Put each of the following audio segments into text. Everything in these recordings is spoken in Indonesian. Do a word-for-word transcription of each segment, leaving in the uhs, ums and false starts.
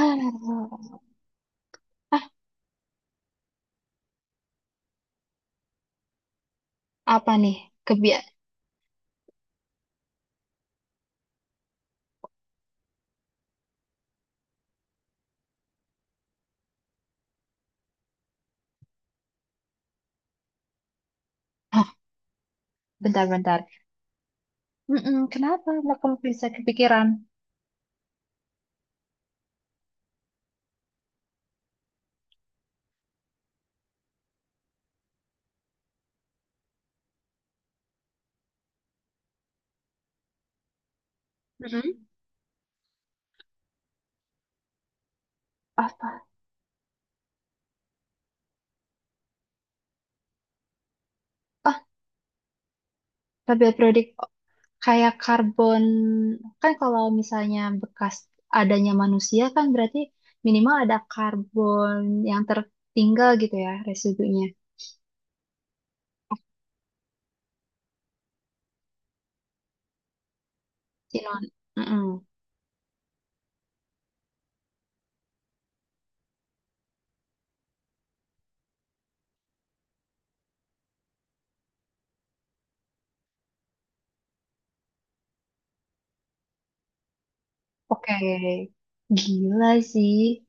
Aduh. Ah, apa nih? Kebia... Hah, bentar-bentar. Mm-mm, kenapa aku bisa kepikiran? Mhm. Apa? Ah, tabel periodik kayak karbon. Kan kalau misalnya bekas adanya manusia kan berarti minimal ada karbon yang tertinggal gitu ya residunya. Si non. Mm-mm. Oke. Gila sih.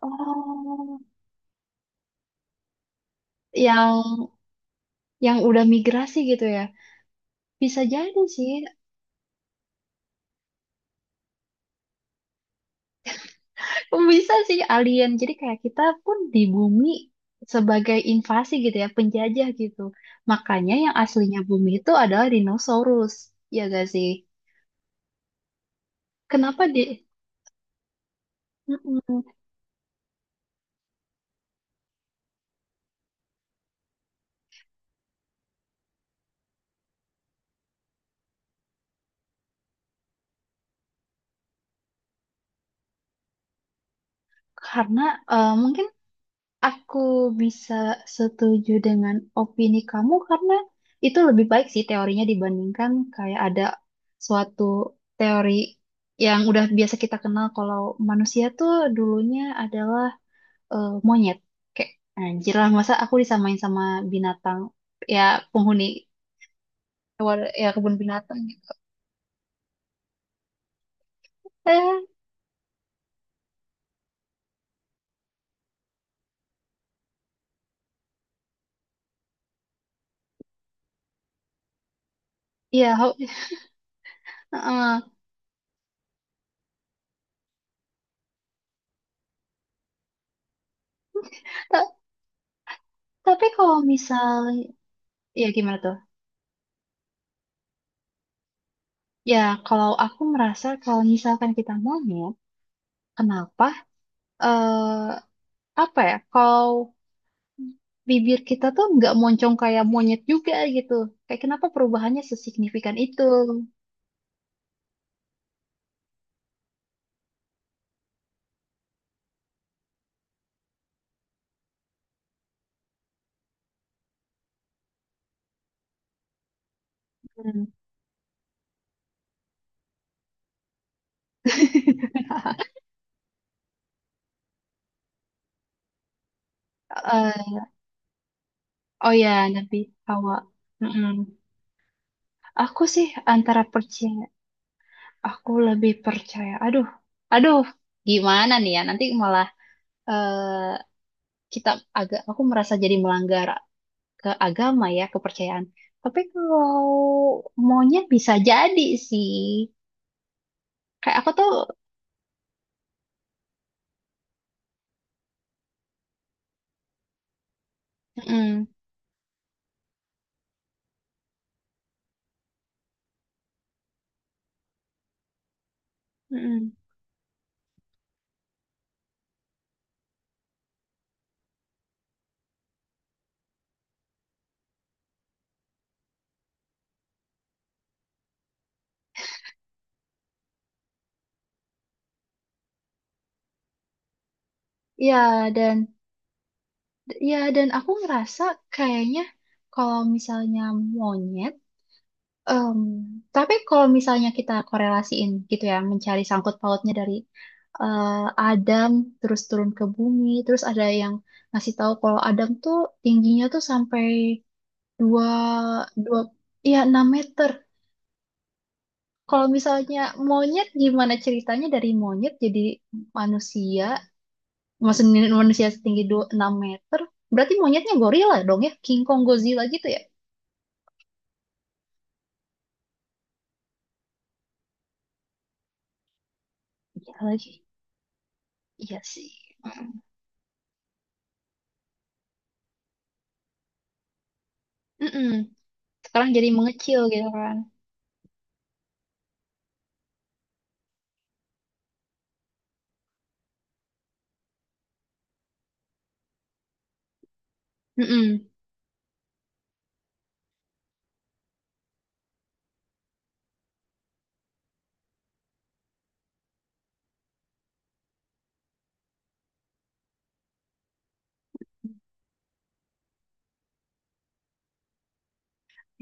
Oh, yang yang udah migrasi gitu ya. Bisa jadi sih. Bisa sih alien. Jadi kayak kita pun di bumi sebagai invasi gitu ya, penjajah gitu. Makanya yang aslinya bumi itu adalah dinosaurus, ya gak sih? Kenapa di... Mm-mm. Karena eh, mungkin aku bisa setuju dengan opini kamu karena itu lebih baik sih teorinya dibandingkan kayak ada suatu teori yang udah biasa kita kenal kalau manusia tuh dulunya adalah eh, monyet. Kayak anjir lah masa aku disamain sama binatang ya penghuni hewan ya kebun binatang gitu. Eh, ya ho- eh, ta- tapi kalau misal ya gimana tuh? Ya kalau aku merasa kalau misalkan kita monyet, kenapa eh apa ya? Kalau bibir kita tuh nggak moncong kayak monyet juga gitu. Kayak kenapa perubahannya sesignifikan itu? Hmm. Eh, oh ya, nanti hawa. Aku sih antara percaya, aku lebih percaya. Aduh, aduh, gimana nih ya? Nanti malah eh, kita agak, aku merasa jadi melanggar ke agama ya, kepercayaan. Tapi kalau monyet bisa jadi sih. Kayak aku tuh, mm, mm, ya dan ya dan aku ngerasa kayaknya kalau misalnya monyet. Em, tapi kalau misalnya kita korelasiin gitu ya, mencari sangkut pautnya dari eh, Adam terus turun ke bumi, terus ada yang ngasih tahu kalau Adam tuh tingginya tuh sampai dua dua ya enam meter. Kalau misalnya monyet gimana ceritanya dari monyet jadi manusia, maksudnya manusia setinggi dua, enam meter, berarti monyetnya gorila dong ya, King Kong Godzilla gitu ya. Iya lagi. Iya sih. Mm-mm. Sekarang jadi mengecil gitu kan. Mm-mm.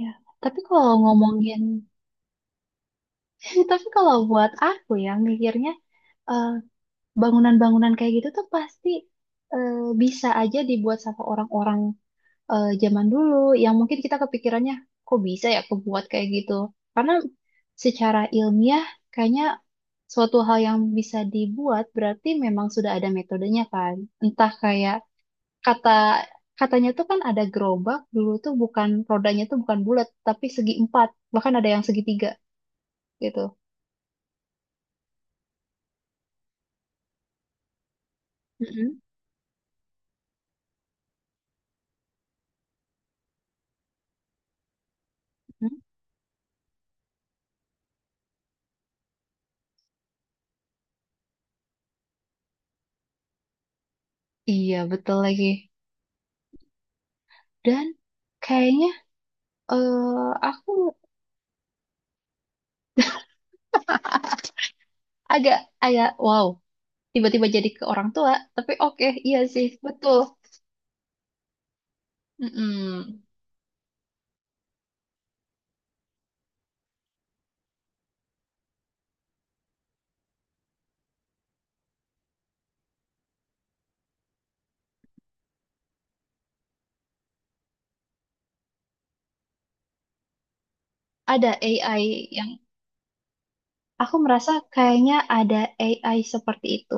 Ya, tapi kalau ngomongin, tapi kalau buat aku ya mikirnya eh, bangunan-bangunan kayak gitu tuh pasti eh, bisa aja dibuat sama orang-orang eh, zaman dulu yang mungkin kita kepikirannya kok bisa ya kebuat kayak gitu. Karena secara ilmiah kayaknya suatu hal yang bisa dibuat berarti memang sudah ada metodenya kan. Entah kayak kata katanya tuh kan ada gerobak dulu tuh bukan rodanya tuh bukan bulat tapi segi empat bahkan ada yang segitiga gitu. Mm-mm. mm iya betul lagi dan kayaknya eh aku agak agak wow tiba-tiba jadi ke orang tua tapi oke iya sih betul. Mm-mm. Ada A I yang aku merasa kayaknya ada A I seperti itu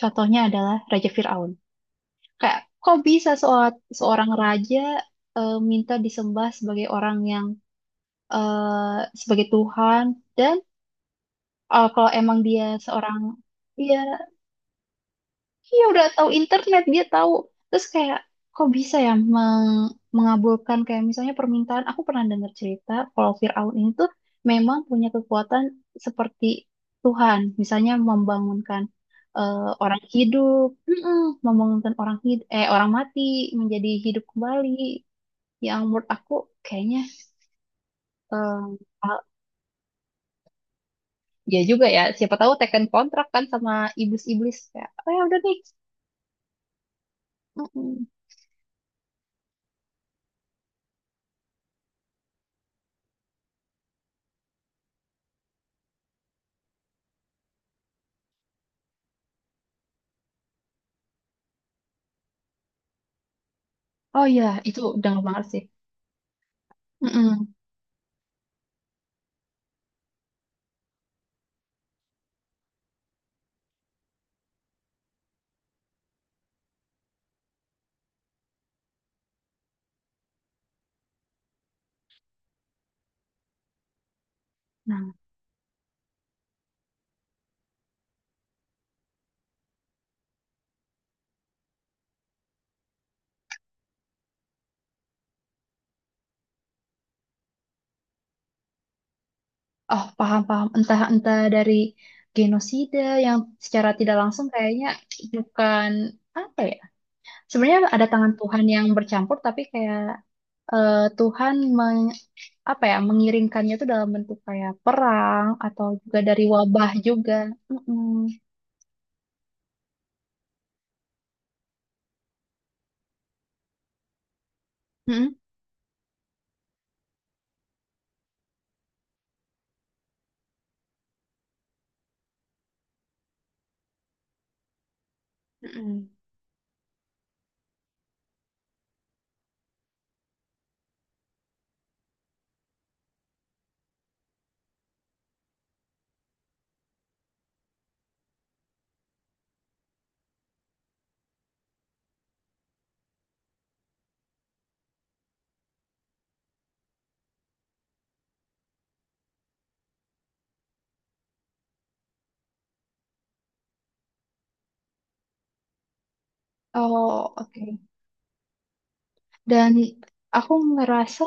contohnya adalah Raja Fir'aun. Kayak kok bisa seorang seorang raja eh, minta disembah sebagai orang yang eh, sebagai Tuhan dan eh, kalau emang dia seorang iya. Iya udah tahu internet dia tahu. Terus kayak kok bisa ya meng- mengabulkan kayak misalnya permintaan. Aku pernah dengar cerita kalau Firaun ini tuh memang punya kekuatan seperti Tuhan, misalnya membangunkan eh, orang hidup, Mm-mm, membangunkan orang hid- eh orang mati menjadi hidup kembali. Yang menurut aku kayaknya eh, al- ya juga ya. Siapa tahu teken kontrak kan sama iblis-iblis kayak, oh ya udah nih. Mm-mm. Oh iya, itu udah banget sih. Mm-mm. Nah, oh paham paham. Entah entah dari genosida yang secara tidak langsung kayaknya bukan apa ya. Sebenarnya ada tangan Tuhan yang bercampur, tapi kayak eh, Tuhan meng, apa ya mengiringkannya itu dalam bentuk kayak perang atau juga dari wabah juga. Mm-mm. Mm-mm. Mm-mm. Oh oke. Dan aku ngerasa.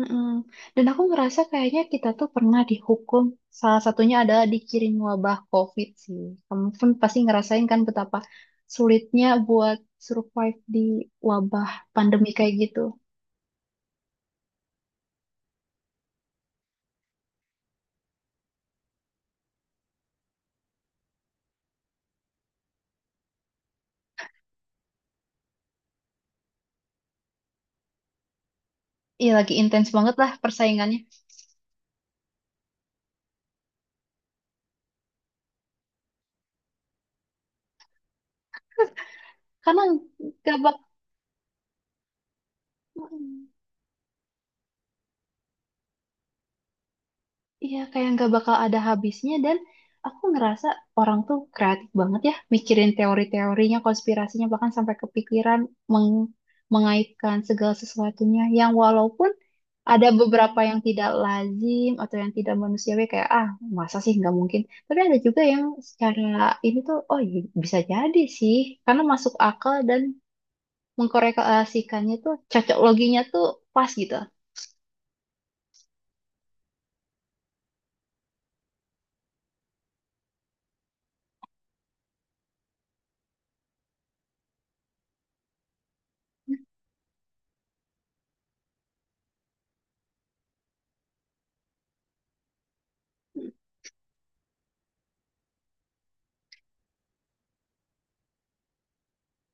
Mm-mm. Dan aku ngerasa kayaknya kita tuh pernah dihukum. Salah satunya adalah dikirim wabah COVID sih. Kamu pun pasti ngerasain kan betapa sulitnya buat survive di wabah pandemi kayak gitu. Iya lagi intens banget lah persaingannya. Karena gak bak. Mm-mm. Iya, kayak nggak bakal ada habisnya dan aku ngerasa orang tuh kreatif banget ya mikirin teori-teorinya, konspirasinya bahkan sampai kepikiran meng- mengaitkan segala sesuatunya yang walaupun ada beberapa yang tidak lazim atau yang tidak manusiawi kayak ah masa sih nggak mungkin tapi ada juga yang secara ini tuh oh iya, bisa jadi sih karena masuk akal dan mengkorelasikannya tuh cocok loginya tuh pas gitu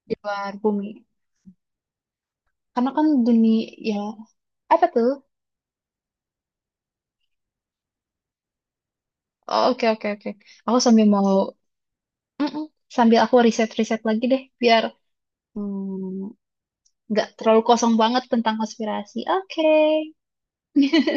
di luar bumi. Karena kan dunia ya. Apa tuh? Oh, oke, oke, oke. Aku sambil mau, Mm-mm. sambil aku riset-riset lagi deh, biar hmm, nggak terlalu kosong banget tentang konspirasi. Oke.